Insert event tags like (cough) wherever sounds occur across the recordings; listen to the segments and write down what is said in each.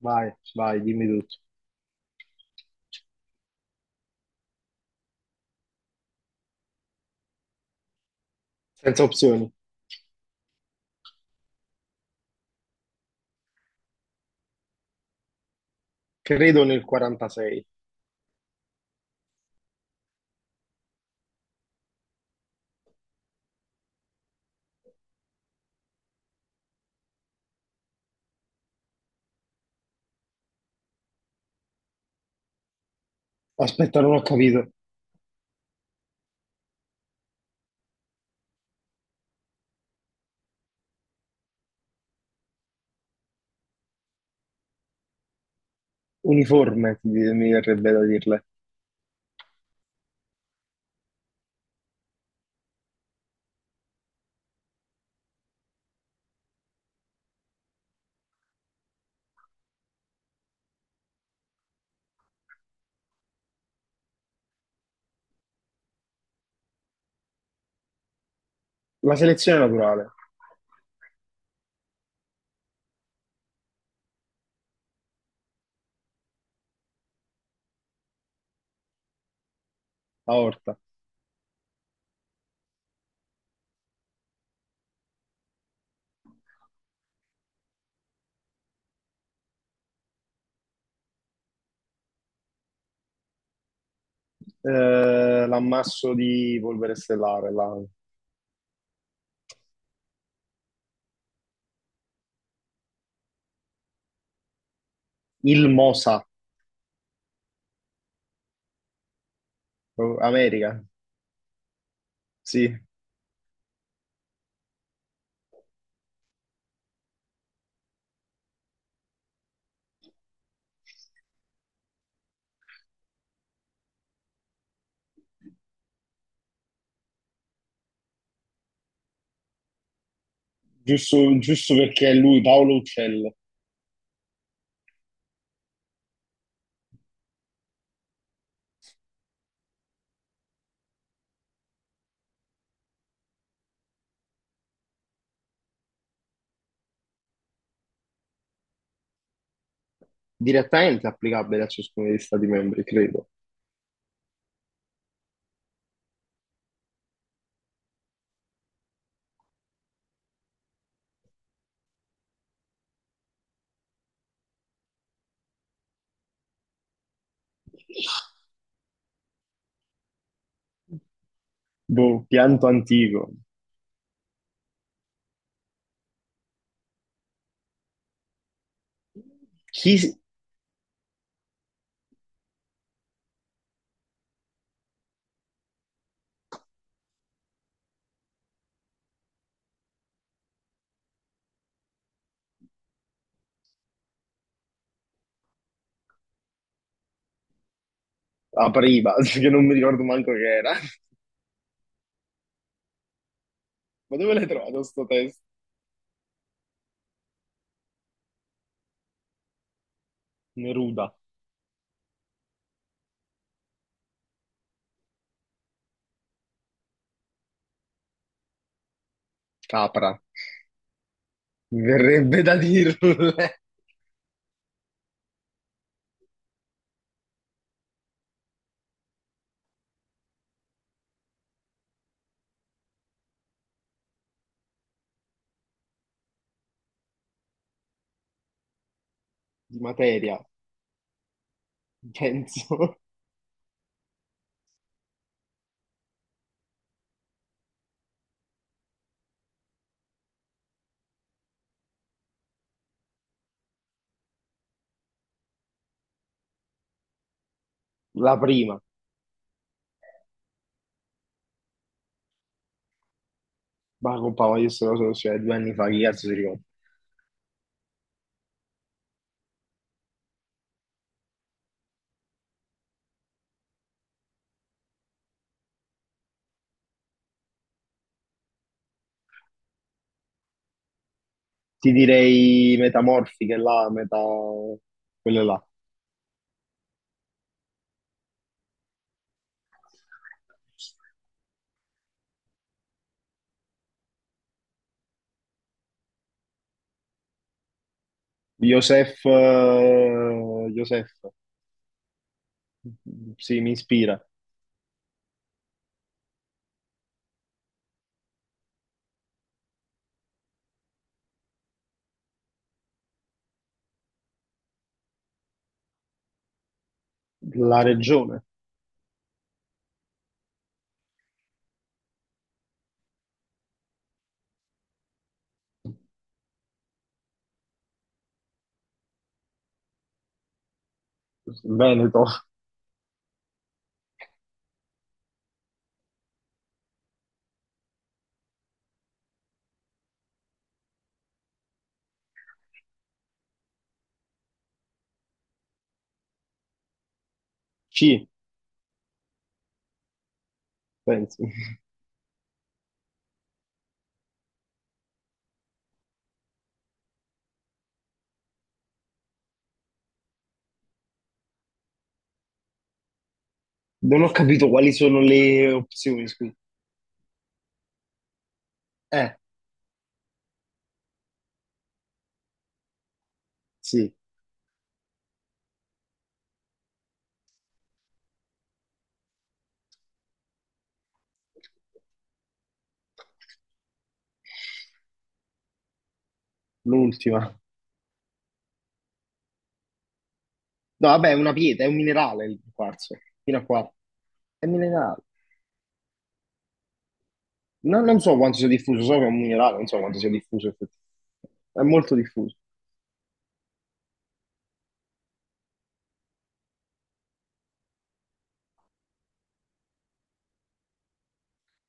Vai, vai, dimmi tutto. Senza opzioni. Credo nel 46. Aspetta, non ho capito. Uniforme, ti- mi verrebbe da dirle. La selezione naturale, aorta. Eh, l'ammasso di polvere stellare, la- il MOSA, oh, America. Sì, giusto, giusto perché è lui, Paolo Uccello. Direttamente applicabile a ciascuno degli stati membri, credo. Boh, pianto antico. Chi si- apriva? (laughs) Che non mi ricordo manco che era. Ma dove l'hai trovato sto test? Neruda. Capra, mi verrebbe da dirle (laughs) di materia, penso, la prima, ma compa, ma io sto cosa lo studiai 2 anni fa, che cazzo si ricorda? Ti direi metamorfiche là, meta... quelle là. Josef, Josef, sì, mi ispira. La regione, Veneto, C, penso. Non ho capito quali sono le opzioni, scusa. Eh, sì, l'ultima. No, vabbè, è una pietra, è un minerale il quarzo, fino a qua. È minerale. No, non so quanto sia diffuso, so che è un minerale, non so quanto sia diffuso effettivamente. È molto diffuso.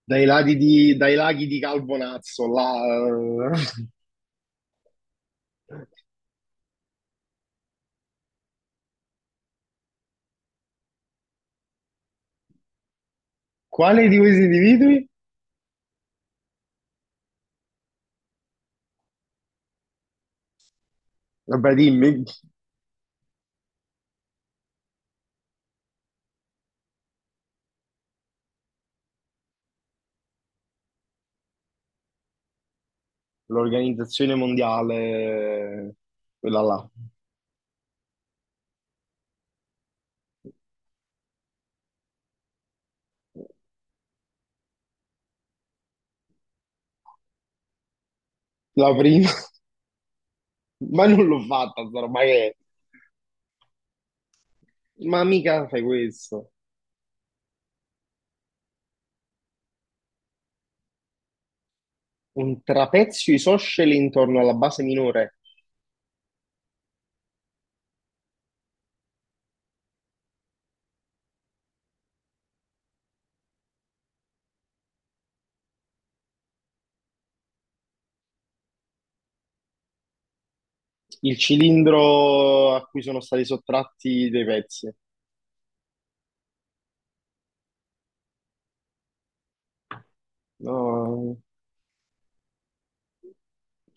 Dai laghi di Calbonazzo, là.... (laughs) Quale di questi individui? Vabbè, dimmi, l'Organizzazione Mondiale, quella là, la prima. (laughs) Ma non l'ho fatta, sta roba che è? Ma mica fai questo. Un trapezio isoscele intorno alla base minore. Il cilindro a cui sono stati sottratti dei pezzi. No,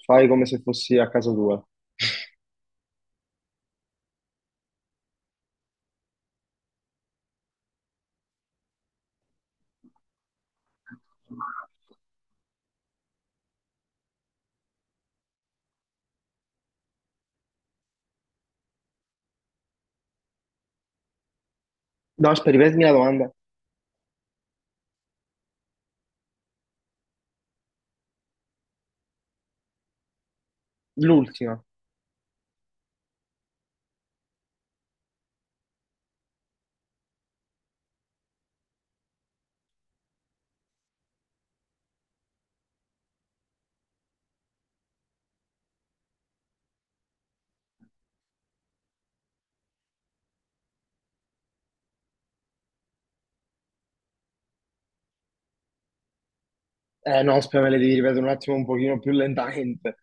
fai come se fossi a casa tua. No, aspetta, ripetimi la domanda. L'ultima. Eh no, aspetta, me le devi ripetere un attimo un pochino più lentamente.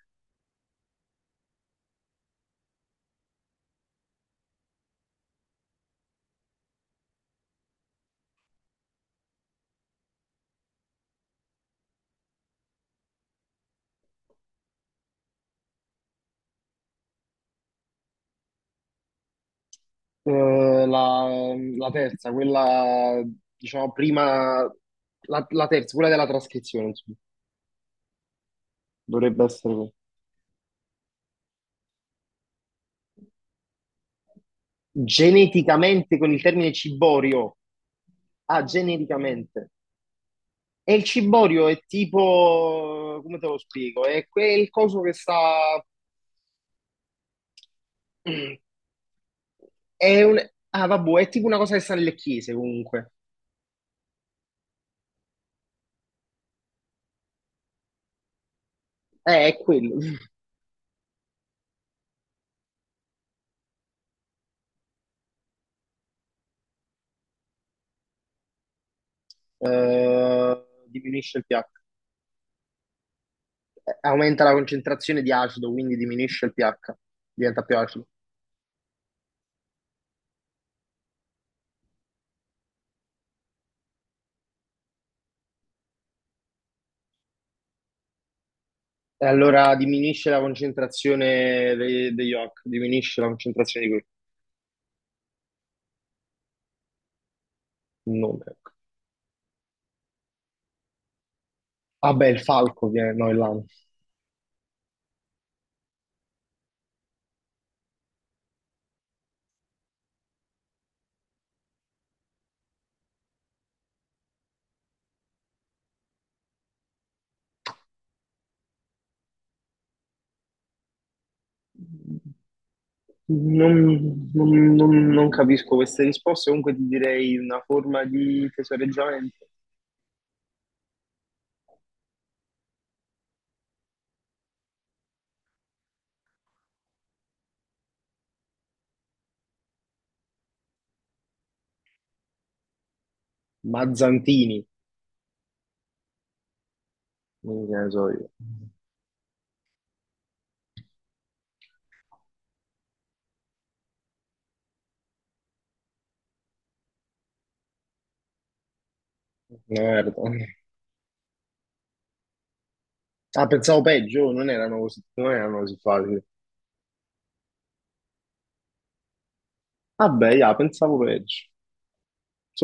Eh, la terza, quella, diciamo, prima... La terza, quella della trascrizione, insomma. Dovrebbe essere quella. Geneticamente, con il termine ciborio. Ah, genericamente. E il ciborio è tipo, come te lo spiego? È quel coso che sta. Mm, è un. Ah, vabbè, è tipo una cosa che sta nelle chiese comunque. È quello. (laughs) Diminuisce il pH. Aumenta la concentrazione di acido, quindi diminuisce il pH, diventa più acido. E allora diminuisce la concentrazione de- degli oc, diminuisce la concentrazione di quel nome. Ecco. Vabbè, il falco, che no, è là. Non, non capisco queste risposte, comunque ti direi una forma di tesoreggiamento. Mazzantini, non che ne so io. Merda. Ah, pensavo peggio, non erano così, non erano così facili. Vabbè, ah, pensavo peggio.